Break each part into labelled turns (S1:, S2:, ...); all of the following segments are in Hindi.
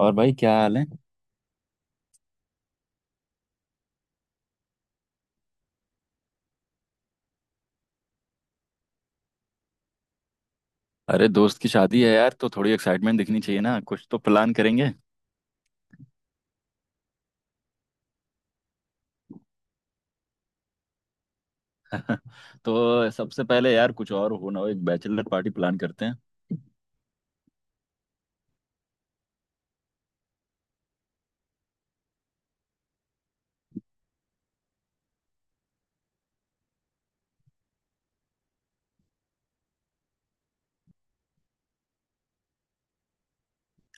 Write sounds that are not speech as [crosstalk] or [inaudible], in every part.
S1: और भाई, क्या हाल है। अरे दोस्त की शादी है यार, तो थोड़ी एक्साइटमेंट दिखनी चाहिए ना। कुछ तो प्लान करेंगे। [laughs] तो सबसे पहले यार, कुछ और हो ना हो, एक बैचलर पार्टी प्लान करते हैं।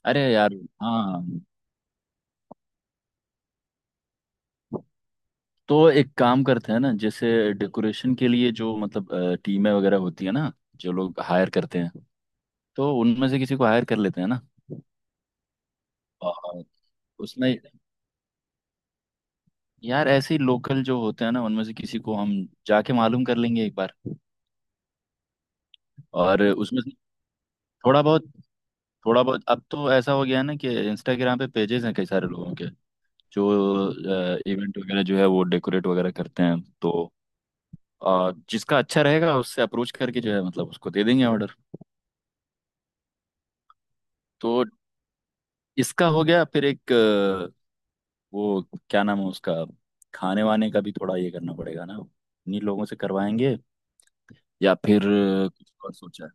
S1: अरे यार। हाँ। तो एक काम करते हैं ना, जैसे डेकोरेशन के लिए जो मतलब टीमें वगैरह होती है ना, जो लोग हायर करते हैं। तो उनमें से किसी को हायर कर लेते हैं ना। और उसमें यार, ऐसे ही लोकल जो होते हैं ना, उनमें से किसी को हम जाके मालूम कर लेंगे एक बार। और उसमें से थोड़ा बहुत थोड़ा बहुत अब तो ऐसा हो गया है ना कि इंस्टाग्राम पे पेजेस हैं कई सारे लोगों के, जो इवेंट वगैरह जो है वो डेकोरेट वगैरह करते हैं। तो जिसका अच्छा रहेगा उससे अप्रोच करके जो है मतलब उसको दे देंगे ऑर्डर। तो इसका हो गया। फिर एक वो क्या नाम है उसका, खाने वाने का भी थोड़ा ये करना पड़ेगा ना। इन्हीं लोगों से करवाएंगे या फिर कुछ और सोचा है।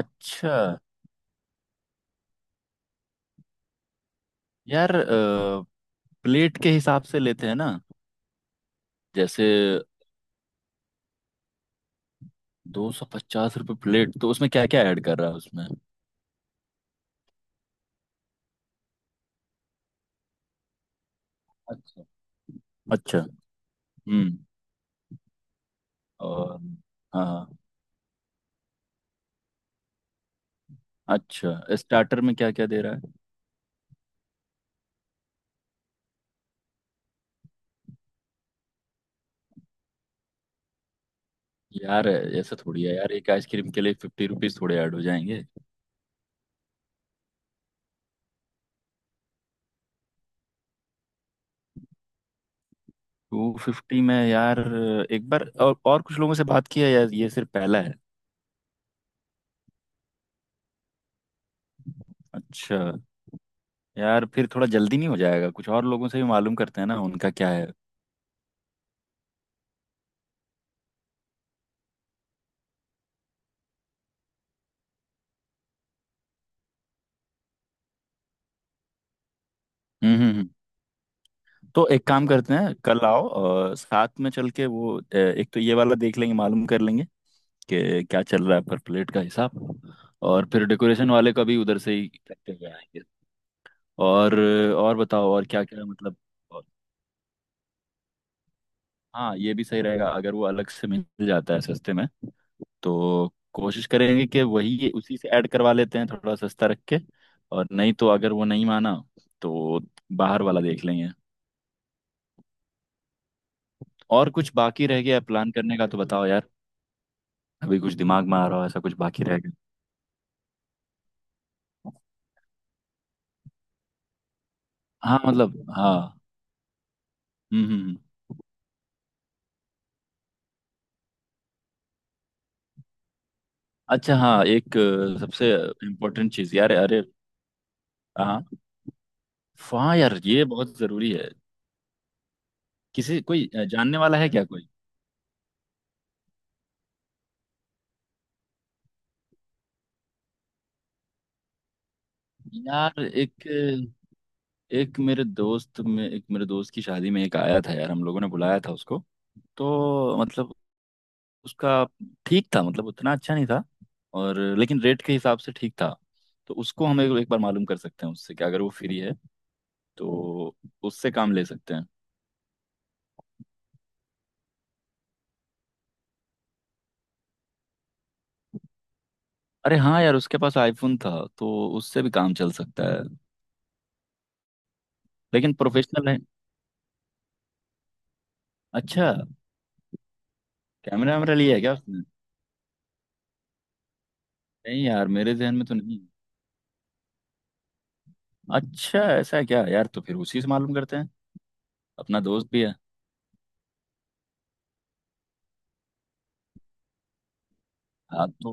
S1: अच्छा। यार, प्लेट के हिसाब से लेते हैं ना। जैसे 250 रुपये प्लेट, तो उसमें क्या क्या ऐड कर रहा है उसमें। अच्छा। अच्छा। हम्म। और? हाँ हाँ, अच्छा, स्टार्टर में क्या क्या दे रहा है। यार ऐसा थोड़ी है यार, एक आइसक्रीम के लिए 50 रुपीज थोड़े ऐड हो जाएंगे। 250 में यार, एक बार और कुछ लोगों से बात किया है यार? ये सिर्फ पहला है। अच्छा। यार फिर थोड़ा जल्दी नहीं हो जाएगा? कुछ और लोगों से भी मालूम करते हैं ना, उनका क्या है। हम्म हम्म हम्म। तो एक काम करते हैं, कल आओ और साथ में चल के वो एक तो ये वाला देख लेंगे, मालूम कर लेंगे कि क्या चल रहा है पर प्लेट का हिसाब। और फिर डेकोरेशन वाले का भी उधर से ही करते हुए आएंगे। और और बताओ, और क्या क्या मतलब, और- हाँ ये भी सही रहेगा अगर वो अलग से मिल जाता है सस्ते में, तो कोशिश करेंगे कि वही उसी से ऐड करवा लेते हैं थोड़ा सस्ता रख के। और नहीं तो अगर वो नहीं माना, तो बाहर वाला देख लेंगे। और कुछ बाकी रह गया प्लान करने का तो बताओ यार। अभी कुछ दिमाग में आ रहा हो ऐसा, कुछ बाकी रह गया। हाँ मतलब, हाँ। हम्म हम्म हम्म। अच्छा, हाँ, एक सबसे इम्पोर्टेंट चीज यार, अरे। हाँ, हाँ यार ये बहुत जरूरी है। किसी, कोई जानने वाला है क्या कोई? यार एक मेरे दोस्त में एक मेरे दोस्त की शादी में एक आया था यार, हम लोगों ने बुलाया था उसको। तो मतलब उसका ठीक था, मतलब उतना अच्छा नहीं था। और लेकिन रेट के हिसाब से ठीक था। तो उसको हम एक बार मालूम कर सकते हैं उससे कि अगर वो फ्री है, तो उससे काम ले सकते हैं। अरे हाँ यार, उसके पास आईफोन था, तो उससे भी काम चल सकता है। लेकिन प्रोफेशनल है? अच्छा, कैमरा वैमरा लिया है क्या उसने? नहीं यार, मेरे जहन में तो नहीं। अच्छा, ऐसा है क्या यार? तो फिर उसी से मालूम करते हैं। अपना दोस्त भी है। हाँ, तो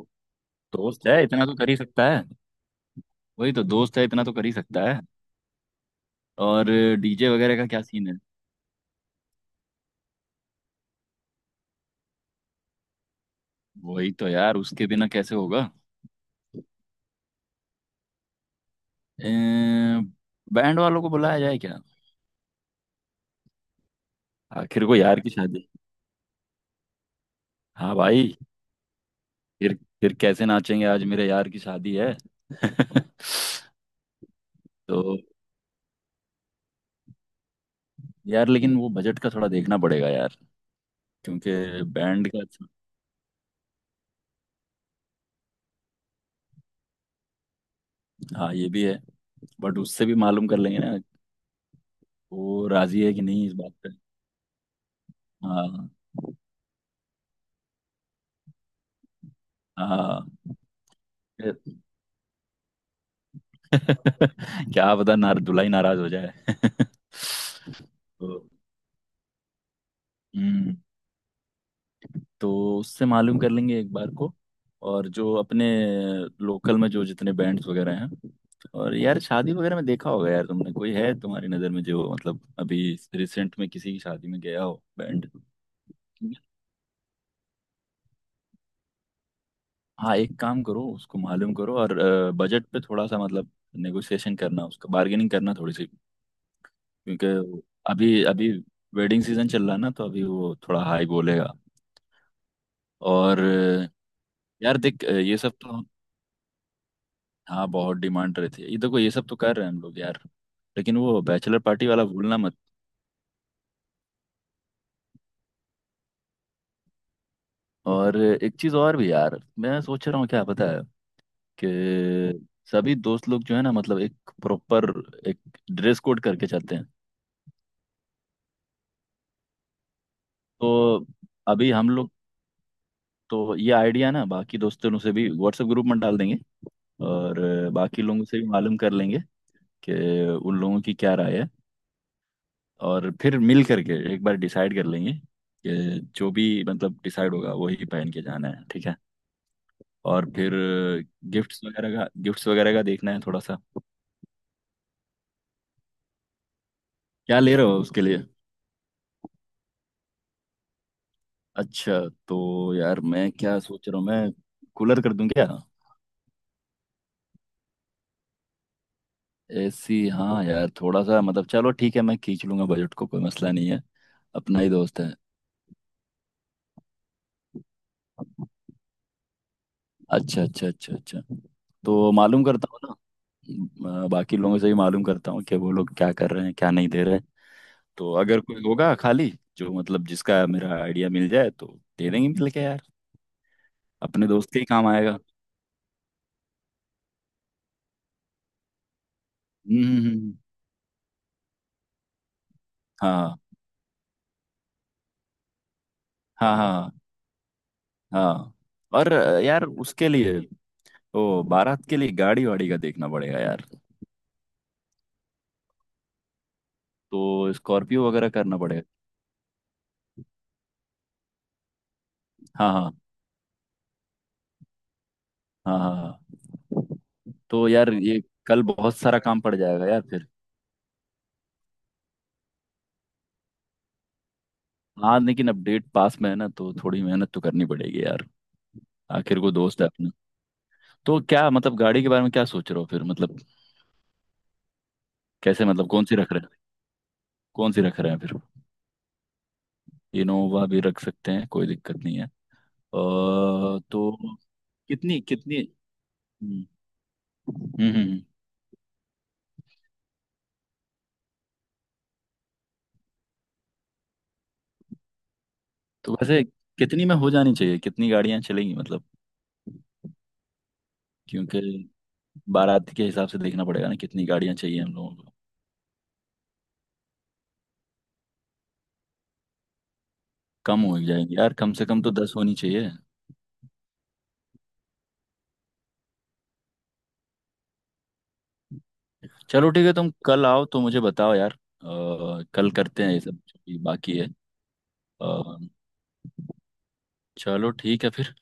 S1: दोस्त है इतना तो कर ही सकता है। वही तो दोस्त है, इतना तो कर ही सकता है। और डीजे वगैरह का क्या सीन है? वही तो यार, उसके बिना कैसे होगा। बैंड वालों को बुलाया जाए क्या? आखिर को यार की शादी। हाँ भाई। फिर फिर कैसे नाचेंगे, आज मेरे यार की शादी है। [laughs] तो यार, लेकिन वो बजट का थोड़ा देखना पड़ेगा यार, क्योंकि बैंड का तो, हाँ ये भी है। बट उससे भी मालूम कर लेंगे ना, वो राजी है कि नहीं इस बात पे। हाँ, हाँ। [laughs] क्या पता ना, दुल्हा ही नाराज हो जाए। [laughs] तो, हम्म तो उससे मालूम कर लेंगे एक बार को। और जो अपने लोकल में जो जितने बैंड्स वगैरह हैं, और यार शादी वगैरह में देखा होगा यार तुमने, कोई है तुम्हारी नज़र में जो मतलब अभी रिसेंट में किसी की शादी में गया हो, बैंड। हाँ एक काम करो, उसको मालूम करो और बजट पे थोड़ा सा मतलब नेगोशिएशन करना, उसका बार्गेनिंग करना थोड़ी सी, क्योंकि अभी अभी वेडिंग सीजन चल रहा है ना, तो अभी वो थोड़ा हाई बोलेगा। और यार देख ये सब तो, हाँ बहुत डिमांड रहती है। ये देखो ये सब तो कर रहे हैं हम लोग यार, लेकिन वो बैचलर पार्टी वाला भूलना मत। और एक चीज और भी यार, मैं सोच रहा हूँ, क्या पता है, कि सभी दोस्त लोग जो है ना मतलब एक ड्रेस कोड करके चलते हैं। तो अभी हम लोग, तो ये आइडिया ना बाकी दोस्तों से भी व्हाट्सएप ग्रुप में डाल देंगे। और बाकी लोगों से भी मालूम कर लेंगे कि उन लोगों की क्या राय है। और फिर मिल करके एक बार डिसाइड कर लेंगे, कि जो भी मतलब डिसाइड होगा वही पहन के जाना है, ठीक है। और फिर गिफ्ट्स वगैरह का देखना है थोड़ा सा। क्या ले रहे हो उसके लिए? अच्छा। तो यार मैं क्या सोच रहा हूँ, मैं कूलर कर दूं क्या? एसी? हाँ यार थोड़ा सा मतलब, चलो ठीक है, मैं खींच लूंगा बजट को, कोई मसला नहीं है। अपना ही दोस्त है। अच्छा, अच्छा, अच्छा, अच्छा। तो मालूम करता हूँ ना, बाकी लोगों से भी मालूम करता हूँ कि वो लोग क्या कर रहे हैं, क्या नहीं दे रहे। तो अगर कोई होगा खाली, जो मतलब जिसका मेरा आइडिया मिल जाए, तो दे देंगे मिल के यार। अपने दोस्त के ही काम आएगा। हम्म हम्म, हम्म, हम्म। हाँ हाँ हाँ, हाँ। और यार उसके लिए, ओ बारात के लिए गाड़ी वाड़ी का देखना पड़ेगा यार। तो स्कॉर्पियो वगैरह करना पड़ेगा। हाँ हाँ हाँ, हाँ हाँ। तो यार ये, कल बहुत सारा काम पड़ जाएगा यार फिर। हाँ लेकिन अब डेट पास में है ना, तो थोड़ी मेहनत तो करनी पड़ेगी यार। आखिर को दोस्त है अपना। तो क्या मतलब गाड़ी के बारे में क्या सोच रहे हो फिर मतलब? कैसे मतलब, कौन सी रख रहे हैं कौन सी रख रहे हैं फिर? इनोवा भी रख सकते हैं, कोई दिक्कत नहीं है। तो कितनी कितनी। हम्म। हम्म। तो वैसे कितनी में हो जानी चाहिए, कितनी गाड़ियां चलेंगी मतलब? क्योंकि बारात के हिसाब से देखना पड़ेगा ना, कितनी गाड़ियां चाहिए हम लोगों को। कम हो जाएंगी यार, कम से कम तो 10 होनी चाहिए। चलो ठीक है, तुम कल आओ तो मुझे बताओ यार। कल करते हैं ये सब जो भी बाकी है। अ, चलो ठीक है फिर।